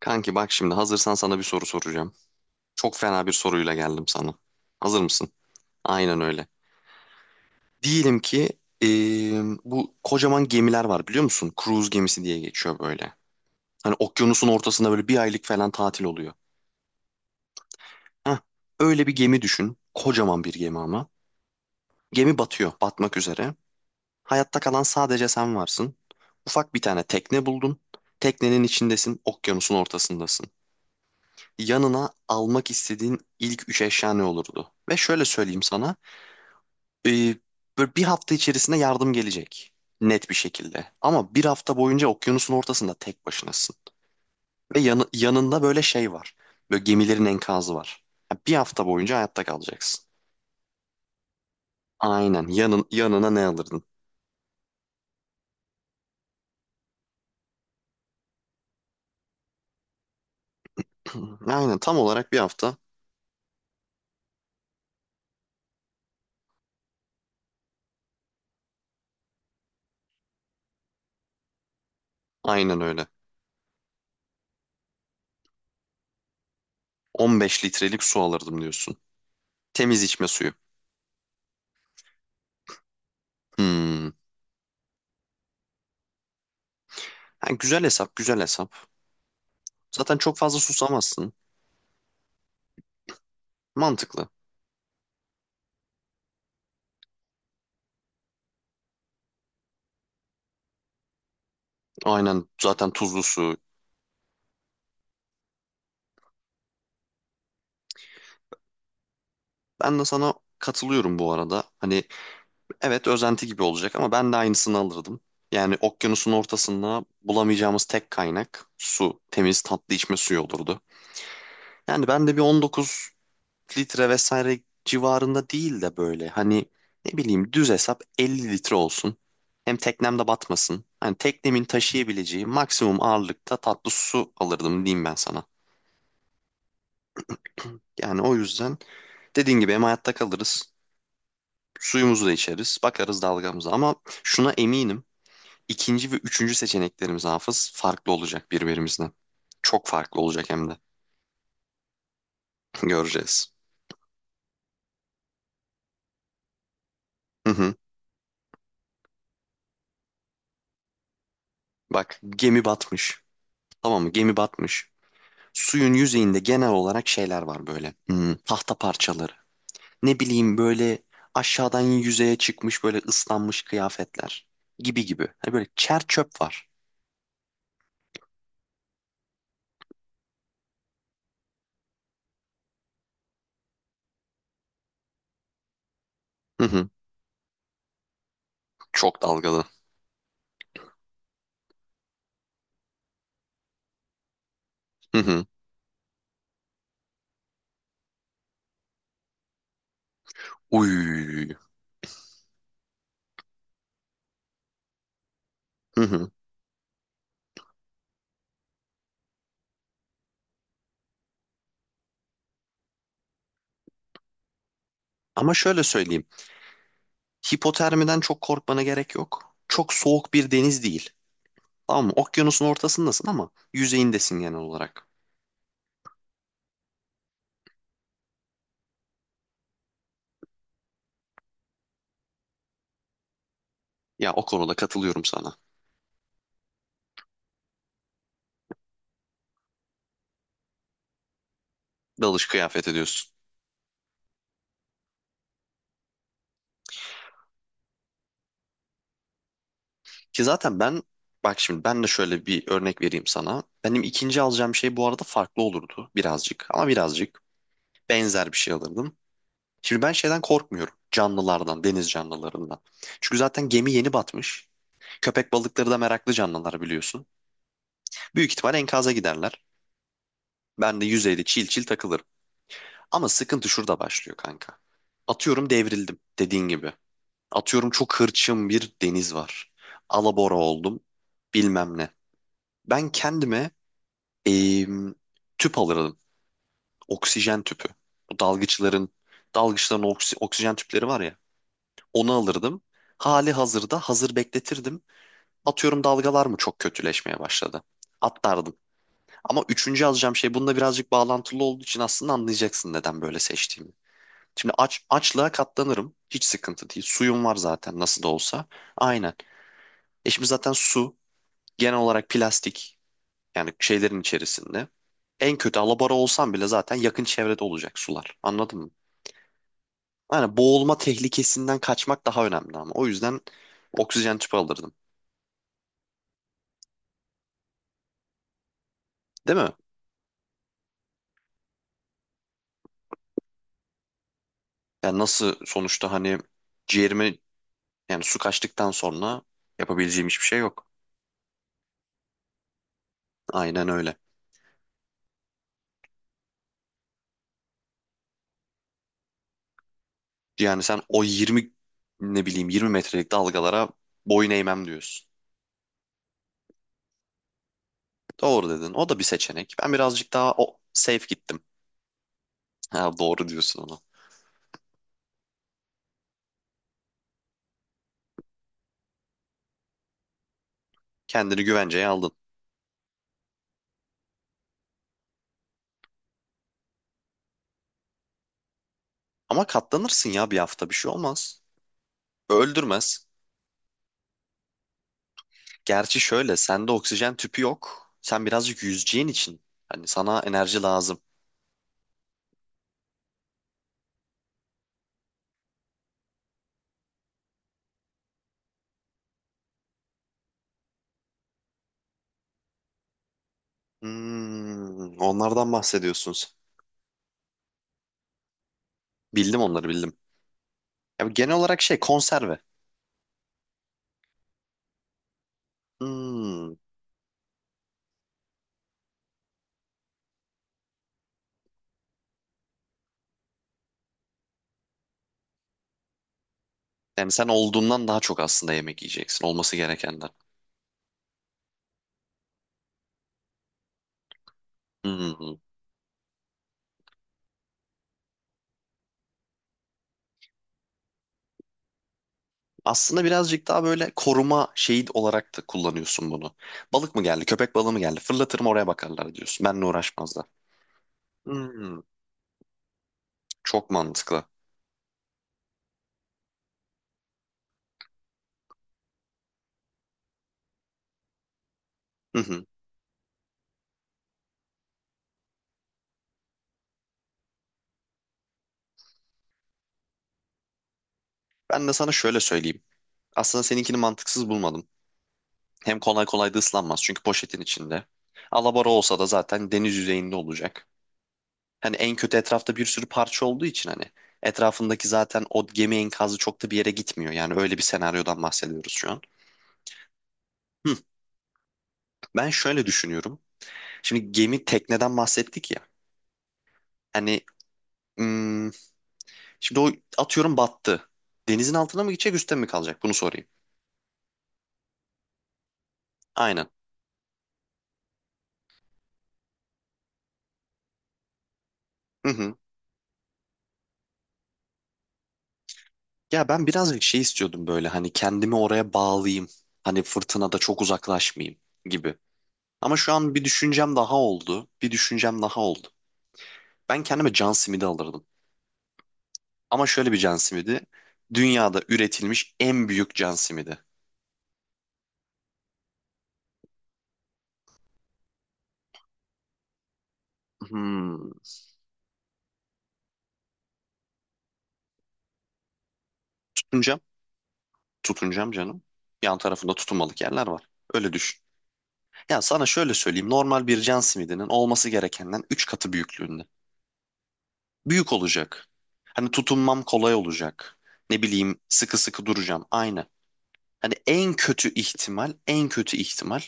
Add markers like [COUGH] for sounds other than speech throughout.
Kanki bak şimdi hazırsan sana bir soru soracağım. Çok fena bir soruyla geldim sana. Hazır mısın? Aynen öyle. Diyelim ki bu kocaman gemiler var biliyor musun? Cruise gemisi diye geçiyor böyle. Hani okyanusun ortasında böyle bir aylık falan tatil oluyor. Heh, öyle bir gemi düşün. Kocaman bir gemi ama. Gemi batıyor, batmak üzere. Hayatta kalan sadece sen varsın. Ufak bir tane tekne buldun. Teknenin içindesin, okyanusun ortasındasın. Yanına almak istediğin ilk üç eşya ne olurdu? Ve şöyle söyleyeyim sana. e, böyle bir hafta içerisinde yardım gelecek. Net bir şekilde. Ama bir hafta boyunca okyanusun ortasında tek başınasın. Ve yanında böyle şey var. Böyle gemilerin enkazı var. Ya bir hafta boyunca hayatta kalacaksın. Aynen. Yanına ne alırdın? [CLEARS THROAT] Aynen. Tam olarak bir hafta. Aynen öyle. 15 litrelik su alırdım diyorsun. Temiz içme suyu. Hmm. Ha, güzel hesap, güzel hesap. Zaten çok fazla susamazsın. Mantıklı. Aynen zaten tuzlu su. Ben de sana katılıyorum bu arada. Hani evet özenti gibi olacak ama ben de aynısını alırdım. Yani okyanusun ortasında bulamayacağımız tek kaynak su. Temiz tatlı içme suyu olurdu. Yani ben de bir 19 litre vesaire civarında değil de böyle hani ne bileyim düz hesap 50 litre olsun. Hem teknem de batmasın. Hani teknemin taşıyabileceği maksimum ağırlıkta tatlı su alırdım diyeyim ben sana. Yani o yüzden dediğin gibi hem hayatta kalırız, suyumuzu da içeriz, bakarız dalgamıza ama şuna eminim. İkinci ve üçüncü seçeneklerimiz hafız farklı olacak birbirimizden. Çok farklı olacak hem de. [LAUGHS] Göreceğiz. Hı hı. Bak gemi batmış. Tamam mı? Gemi batmış. Suyun yüzeyinde genel olarak şeyler var böyle. Tahta parçaları. Ne bileyim böyle aşağıdan yüzeye çıkmış böyle ıslanmış kıyafetler. Gibi gibi. Hani böyle çer çöp var. Hı hı. Çok dalgalı. Hı hı. Uy. Hı hı. Ama şöyle söyleyeyim. Hipotermiden çok korkmana gerek yok. Çok soğuk bir deniz değil. Tamam mı? Okyanusun ortasındasın ama yüzeyindesin genel olarak. Ya o konuda katılıyorum sana. Dalış kıyafet ediyorsun. Ki zaten ben bak şimdi ben de şöyle bir örnek vereyim sana. Benim ikinci alacağım şey bu arada farklı olurdu birazcık ama birazcık benzer bir şey alırdım. Şimdi ben şeyden korkmuyorum. Canlılardan, deniz canlılarından. Çünkü zaten gemi yeni batmış. Köpek balıkları da meraklı canlılar biliyorsun. Büyük ihtimal enkaza giderler. Ben de yüzeyde çil çil takılırım. Ama sıkıntı şurada başlıyor kanka. Atıyorum devrildim dediğin gibi. Atıyorum çok hırçın bir deniz var. Alabora oldum. Bilmem ne. Ben kendime em, tüp alırdım. Oksijen tüpü. Bu dalgıçların oksijen tüpleri var ya. Onu alırdım. Hali hazırda hazır bekletirdim. Atıyorum dalgalar mı çok kötüleşmeye başladı. Atlardım. Ama üçüncü alacağım şey bununla birazcık bağlantılı olduğu için aslında anlayacaksın neden böyle seçtiğimi. Şimdi açlığa katlanırım. Hiç sıkıntı değil. Suyum var zaten nasıl da olsa. Aynen. E şimdi zaten su genel olarak plastik yani şeylerin içerisinde. En kötü alabora olsam bile zaten yakın çevrede olacak sular. Anladın mı? Yani boğulma tehlikesinden kaçmak daha önemli ama. O yüzden oksijen tüpü alırdım. Değil mi? Yani nasıl sonuçta hani ciğerime yani su kaçtıktan sonra yapabileceğim hiçbir şey yok. Aynen öyle. Yani sen o 20 ne bileyim 20 metrelik dalgalara boyun eğmem diyorsun. Doğru dedin. O da bir seçenek. Ben birazcık daha o safe gittim. [LAUGHS] Ha, doğru diyorsun ona. Kendini güvenceye aldın. Ama katlanırsın ya bir hafta bir şey olmaz. Öldürmez. Gerçi şöyle sende oksijen tüpü yok. Sen birazcık yüzeceğin için hani sana enerji lazım. Onlardan bahsediyorsunuz. Bildim onları bildim. Ya genel olarak şey konserve. Hmm, Yani sen olduğundan daha çok aslında yemek yiyeceksin. Olması gerekenden. Hmm. Aslında birazcık daha böyle koruma şeyi olarak da kullanıyorsun bunu. Balık mı geldi, köpek balığı mı geldi? Fırlatırım oraya bakarlar diyorsun. Benle uğraşmazlar. Hmm. Çok mantıklı. Hı hı. Ben de sana şöyle söyleyeyim. Aslında seninkini mantıksız bulmadım. Hem kolay kolay da ıslanmaz çünkü poşetin içinde. Alabora olsa da zaten deniz yüzeyinde olacak. Hani en kötü etrafta bir sürü parça olduğu için hani etrafındaki zaten o gemi enkazı çok da bir yere gitmiyor. Yani öyle bir senaryodan bahsediyoruz şu an. Hı. Ben şöyle düşünüyorum. Şimdi gemi tekneden bahsettik ya. Hani hmm, şimdi o atıyorum battı. Denizin altına mı gidecek üstte mi kalacak? Bunu sorayım. Aynen. Hı hı. Ya ben birazcık şey istiyordum böyle hani kendimi oraya bağlayayım. Hani fırtınada çok uzaklaşmayayım gibi. Ama şu an bir düşüncem daha oldu. Bir düşüncem daha oldu. Ben kendime can simidi alırdım. Ama şöyle bir can simidi. Dünyada üretilmiş en büyük can simidi. Hmm. Tutuncam. Tutuncam canım. Yan tarafında tutunmalık yerler var. Öyle düşün. Ya sana şöyle söyleyeyim. Normal bir can simidinin olması gerekenden 3 katı büyüklüğünde. Büyük olacak. Hani tutunmam kolay olacak. Ne bileyim sıkı sıkı duracağım. Aynı. Hani en kötü ihtimal, en kötü ihtimal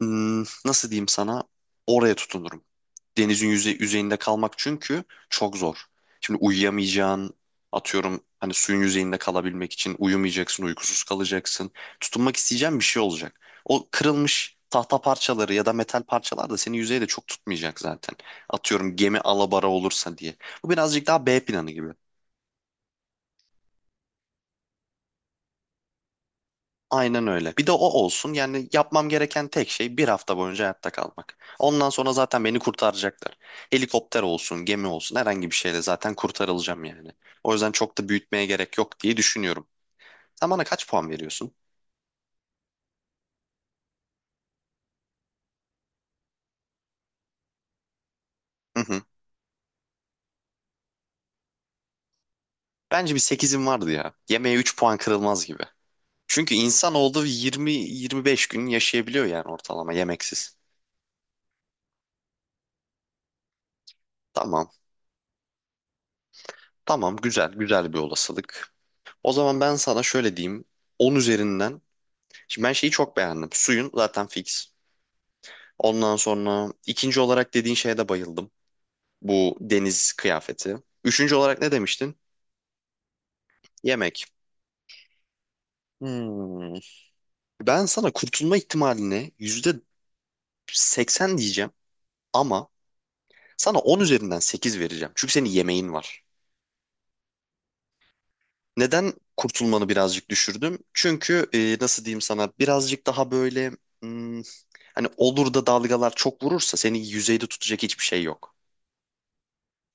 nasıl diyeyim sana oraya tutunurum denizin yüzeyinde kalmak çünkü çok zor. Şimdi uyuyamayacağın atıyorum hani suyun yüzeyinde kalabilmek için uyumayacaksın, uykusuz kalacaksın. Tutunmak isteyeceğin bir şey olacak. O kırılmış tahta parçaları ya da metal parçalar da seni yüzeyde çok tutmayacak zaten. Atıyorum gemi alabora olursa diye. Bu birazcık daha B planı gibi. Aynen öyle. Bir de o olsun. Yani yapmam gereken tek şey bir hafta boyunca hayatta kalmak. Ondan sonra zaten beni kurtaracaklar. Helikopter olsun, gemi olsun, herhangi bir şeyle zaten kurtarılacağım yani. O yüzden çok da büyütmeye gerek yok diye düşünüyorum. Sen bana kaç puan veriyorsun? Hı hı. Bence bir 8'im vardı ya. Yemeğe 3 puan kırılmaz gibi. Çünkü insan olduğu 20-25 gün yaşayabiliyor yani ortalama yemeksiz. Tamam. Tamam, güzel. Güzel bir olasılık. O zaman ben sana şöyle diyeyim. 10 üzerinden. Şimdi ben şeyi çok beğendim. Suyun zaten fix. Ondan sonra ikinci olarak dediğin şeye de bayıldım. Bu deniz kıyafeti. Üçüncü olarak ne demiştin? Yemek. Hmm. Ben sana kurtulma ihtimalini %80 diyeceğim ama sana 10 üzerinden 8 vereceğim. Çünkü senin yemeğin var. Neden kurtulmanı birazcık düşürdüm? Çünkü nasıl diyeyim sana birazcık daha böyle hmm, hani olur da dalgalar çok vurursa seni yüzeyde tutacak hiçbir şey yok.